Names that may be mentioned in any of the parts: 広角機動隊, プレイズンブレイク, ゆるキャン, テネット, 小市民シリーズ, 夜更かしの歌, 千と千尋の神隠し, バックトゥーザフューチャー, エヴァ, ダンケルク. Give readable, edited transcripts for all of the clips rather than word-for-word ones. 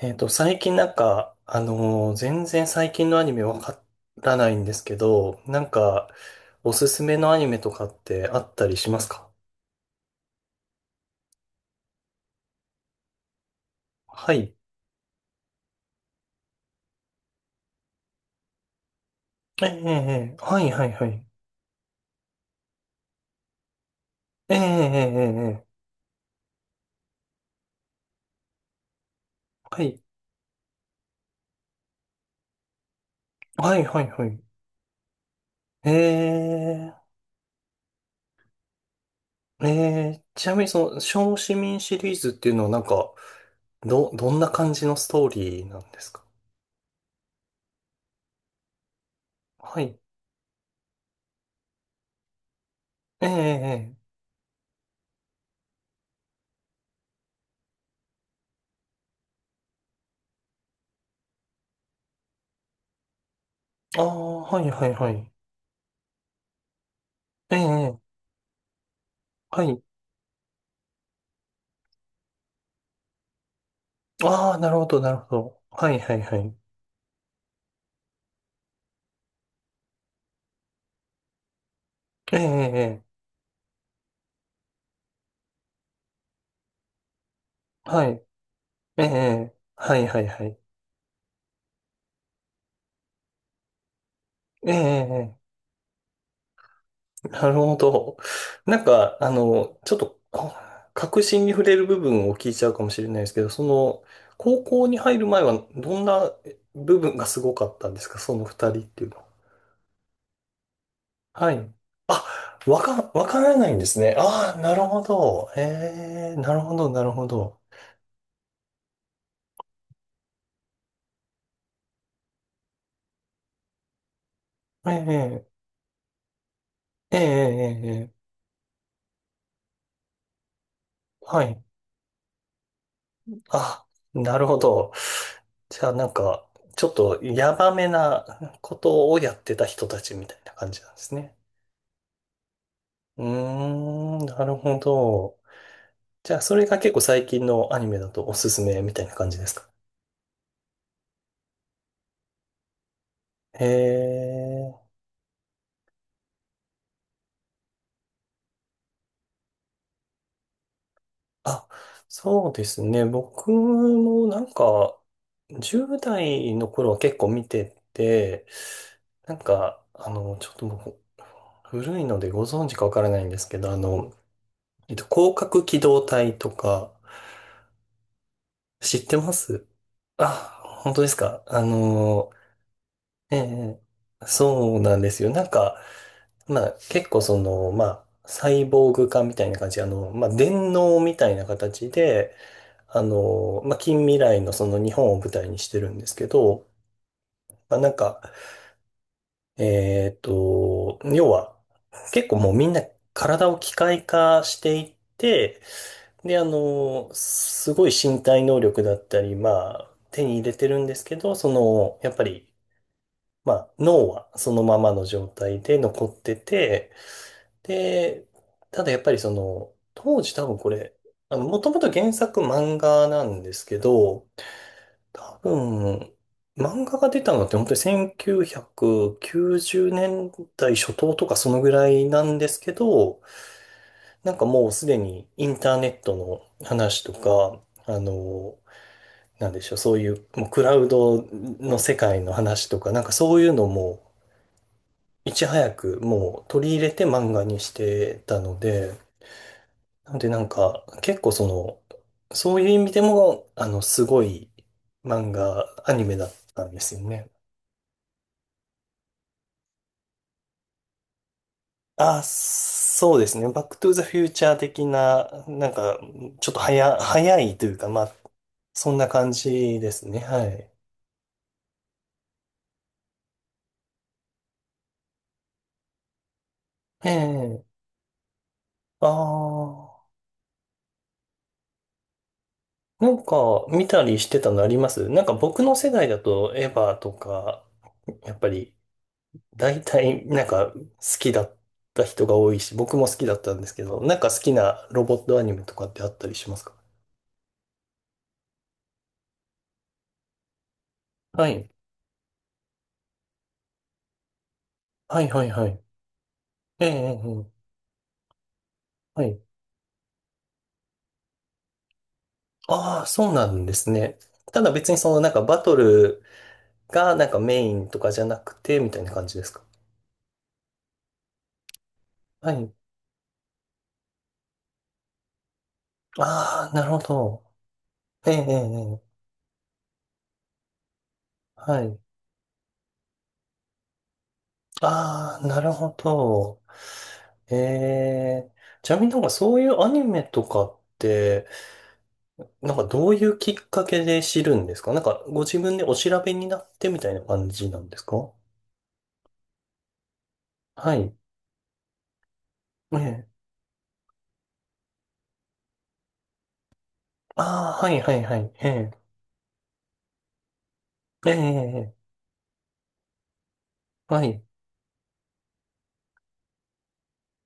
最近なんか、全然最近のアニメわからないんですけど、なんか、おすすめのアニメとかってあったりしますか？はい。ええ、ええ、ええ、はい、はい、はい。ええ、ええ、ええ、ええ、はい、はい、はい、はい。ええ、ええ、ちなみにその、小市民シリーズっていうのはなんか、どんな感じのストーリーなんですか？はい。ええ、ええ、ええ、ああ、はい、はい、はい。ええ、ええ、はい。ああ、なるほど、なるほど。はいはいはい。ええ、ええ、はい。ええ、はいはいはい。ええ、ええ、なるほど。なんか、あの、ちょっと、核心に触れる部分を聞いちゃうかもしれないですけど、その、高校に入る前はどんな部分がすごかったんですか？その二人っていうのは。はい。あ、わからないんですね。ああ、なるほど。ええ、なるほど、なるほど。ええ、ええ、ええ、ええ、はい。あ、なるほど。じゃあなんか、ちょっとヤバめなことをやってた人たちみたいな感じなんですね。うーん、なるほど。じゃあそれが結構最近のアニメだとおすすめみたいな感じですか？へえ。あ、そうですね。僕もなんか、10代の頃は結構見てて、なんか、あの、ちょっともう古いのでご存知かわからないんですけど、あの、広角機動隊とか、知ってます？あ、本当ですか。あの、ええ、そうなんですよ。なんか、まあ結構その、まあ、サイボーグ化みたいな感じ、あの、まあ電脳みたいな形で、あの、まあ近未来のその日本を舞台にしてるんですけど、まあなんか、要は、結構もうみんな体を機械化していって、で、あの、すごい身体能力だったり、まあ、手に入れてるんですけど、その、やっぱり、まあ、脳はそのままの状態で残ってて、で、ただやっぱりその、当時多分これ、あの、もともと原作漫画なんですけど、多分、漫画が出たのって本当に1990年代初頭とかそのぐらいなんですけど、なんかもうすでにインターネットの話とか、あの、なんでしょう、そういう、もうクラウドの世界の話とか、なんかそういうのも、いち早くもう取り入れて漫画にしてたので、なのでなんか結構その、そういう意味でも、あの、すごい漫画、アニメだったんですよね。あ、そうですね。バックトゥーザフューチャー的な、なんか、ちょっと早いというか、まあ、そんな感じですね。はい。ええ。ああ。なんか、見たりしてたのあります？なんか僕の世代だと、エヴァとか、やっぱり、大体、なんか、好きだった人が多いし、僕も好きだったんですけど、なんか好きなロボットアニメとかってあったりしますか？はい。はいはいはい。ええ、ええ、ええ、はい。ああ、そうなんですね。ただ別にそのなんかバトルがなんかメインとかじゃなくて、みたいな感じですか？はい。ああ、なるほど。ええ、ええ、ええ、はい。ああ、なるほど。ええ。ちなみになんかそういうアニメとかって、なんかどういうきっかけで知るんですか？なんかご自分でお調べになってみたいな感じなんですか？はい。ええ。ああ、はいはいはい。ええ。ええ。ええ、はい。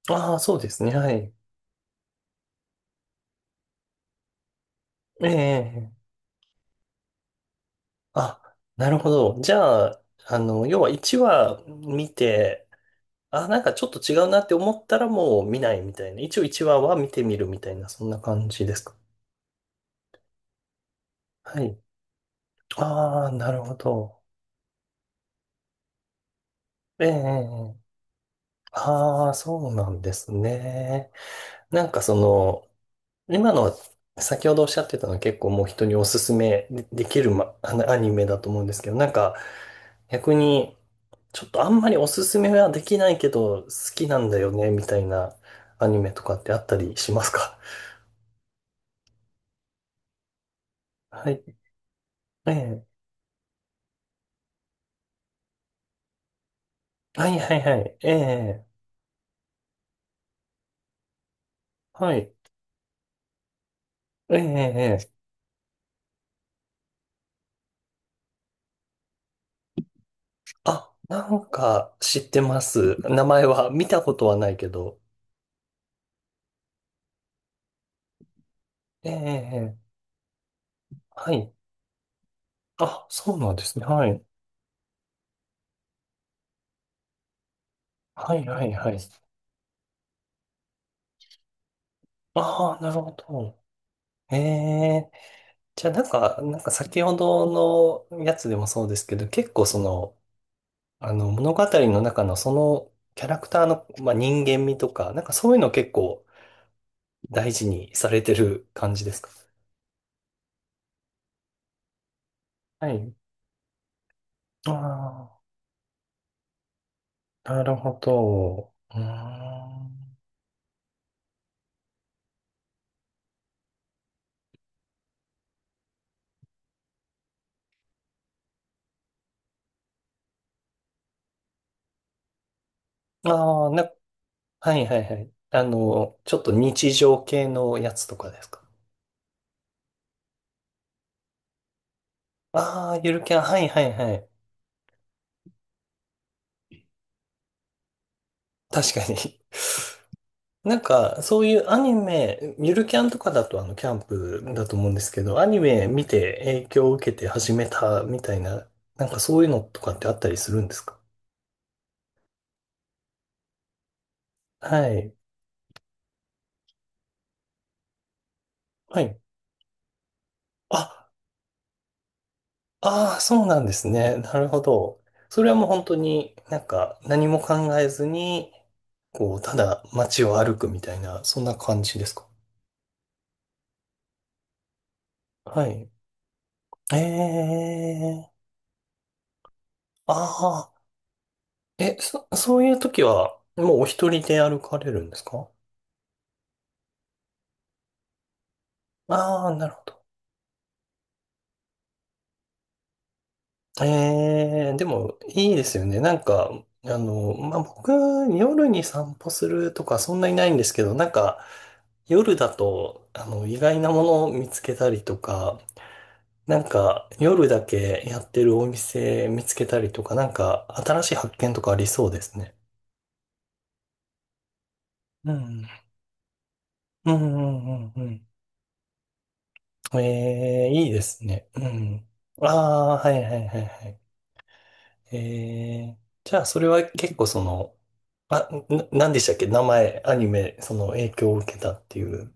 ああ、そうですね。はい。ええ。あ、なるほど。じゃあ、あの、要は1話見て、あ、なんかちょっと違うなって思ったらもう見ないみたいな。一応1話は見てみるみたいな、そんな感じですか？はい。ああ、なるほど。ええ。ああ、そうなんですね。なんかその、今の先ほどおっしゃってたのは結構もう人におすすめでできる、ま、あのアニメだと思うんですけど、なんか逆にちょっとあんまりおすすめはできないけど好きなんだよねみたいなアニメとかってあったりしますか？ はい。ええ。はいはいはい。ええ。はい。ええ。ええ、あ、なんか知ってます。名前は見たことはないけど。ええ。ええ、はい。あ、そうなんですね。はい。はいはいはい。ああ、なるほど。ええ。じゃあなんか、なんか先ほどのやつでもそうですけど、結構その、あの物語の中のそのキャラクターの、まあ、人間味とか、なんかそういうの結構大事にされてる感じですか？はい。ああ、なるほど。うーん。ああ、はいはいはい。あの、ちょっと日常系のやつとかですか？ああー、ゆるキャン、はいはいはい。確かに なんか、そういうアニメ、ゆるキャンとかだとあの、キャンプだと思うんですけど、アニメ見て影響を受けて始めたみたいな、なんかそういうのとかってあったりするんですか？はい。はい。あ、ああ、そうなんですね。なるほど。それはもう本当になんか何も考えずに、こう、ただ街を歩くみたいな、そんな感じですか？はい。ええ、ああ、そういう時は、もうお一人で歩かれるんですか？ああ、なるほど。ええ、でも、いいですよね。なんか、あの、まあ、僕、夜に散歩するとか、そんなにないんですけど、なんか、夜だと、あの、意外なものを見つけたりとか、なんか、夜だけやってるお店見つけたりとか、なんか、新しい発見とかありそうですね。うん。うん、うん、うん、うん。ええ、いいですね。うん。ああ、はい、はい、はい、はい。ええ。じゃあ、それは結構その、あ、なんでしたっけ、名前、アニメ、その影響を受けたっていう。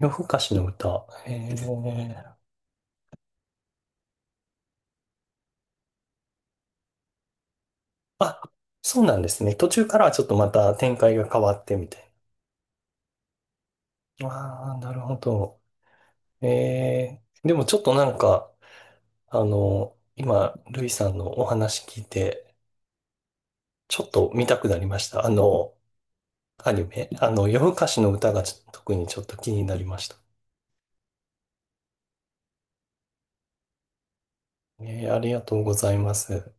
夜更かしの歌。ええ、あ、そうなんですね。途中からはちょっとまた展開が変わってみたいな。ああ、なるほど。ええ、でもちょっとなんか、あの、今、ルイさんのお話聞いて、ちょっと見たくなりました。あの、アニメ。あの、夜更かしの歌が特にちょっと気になりました。ええ、ありがとうございます。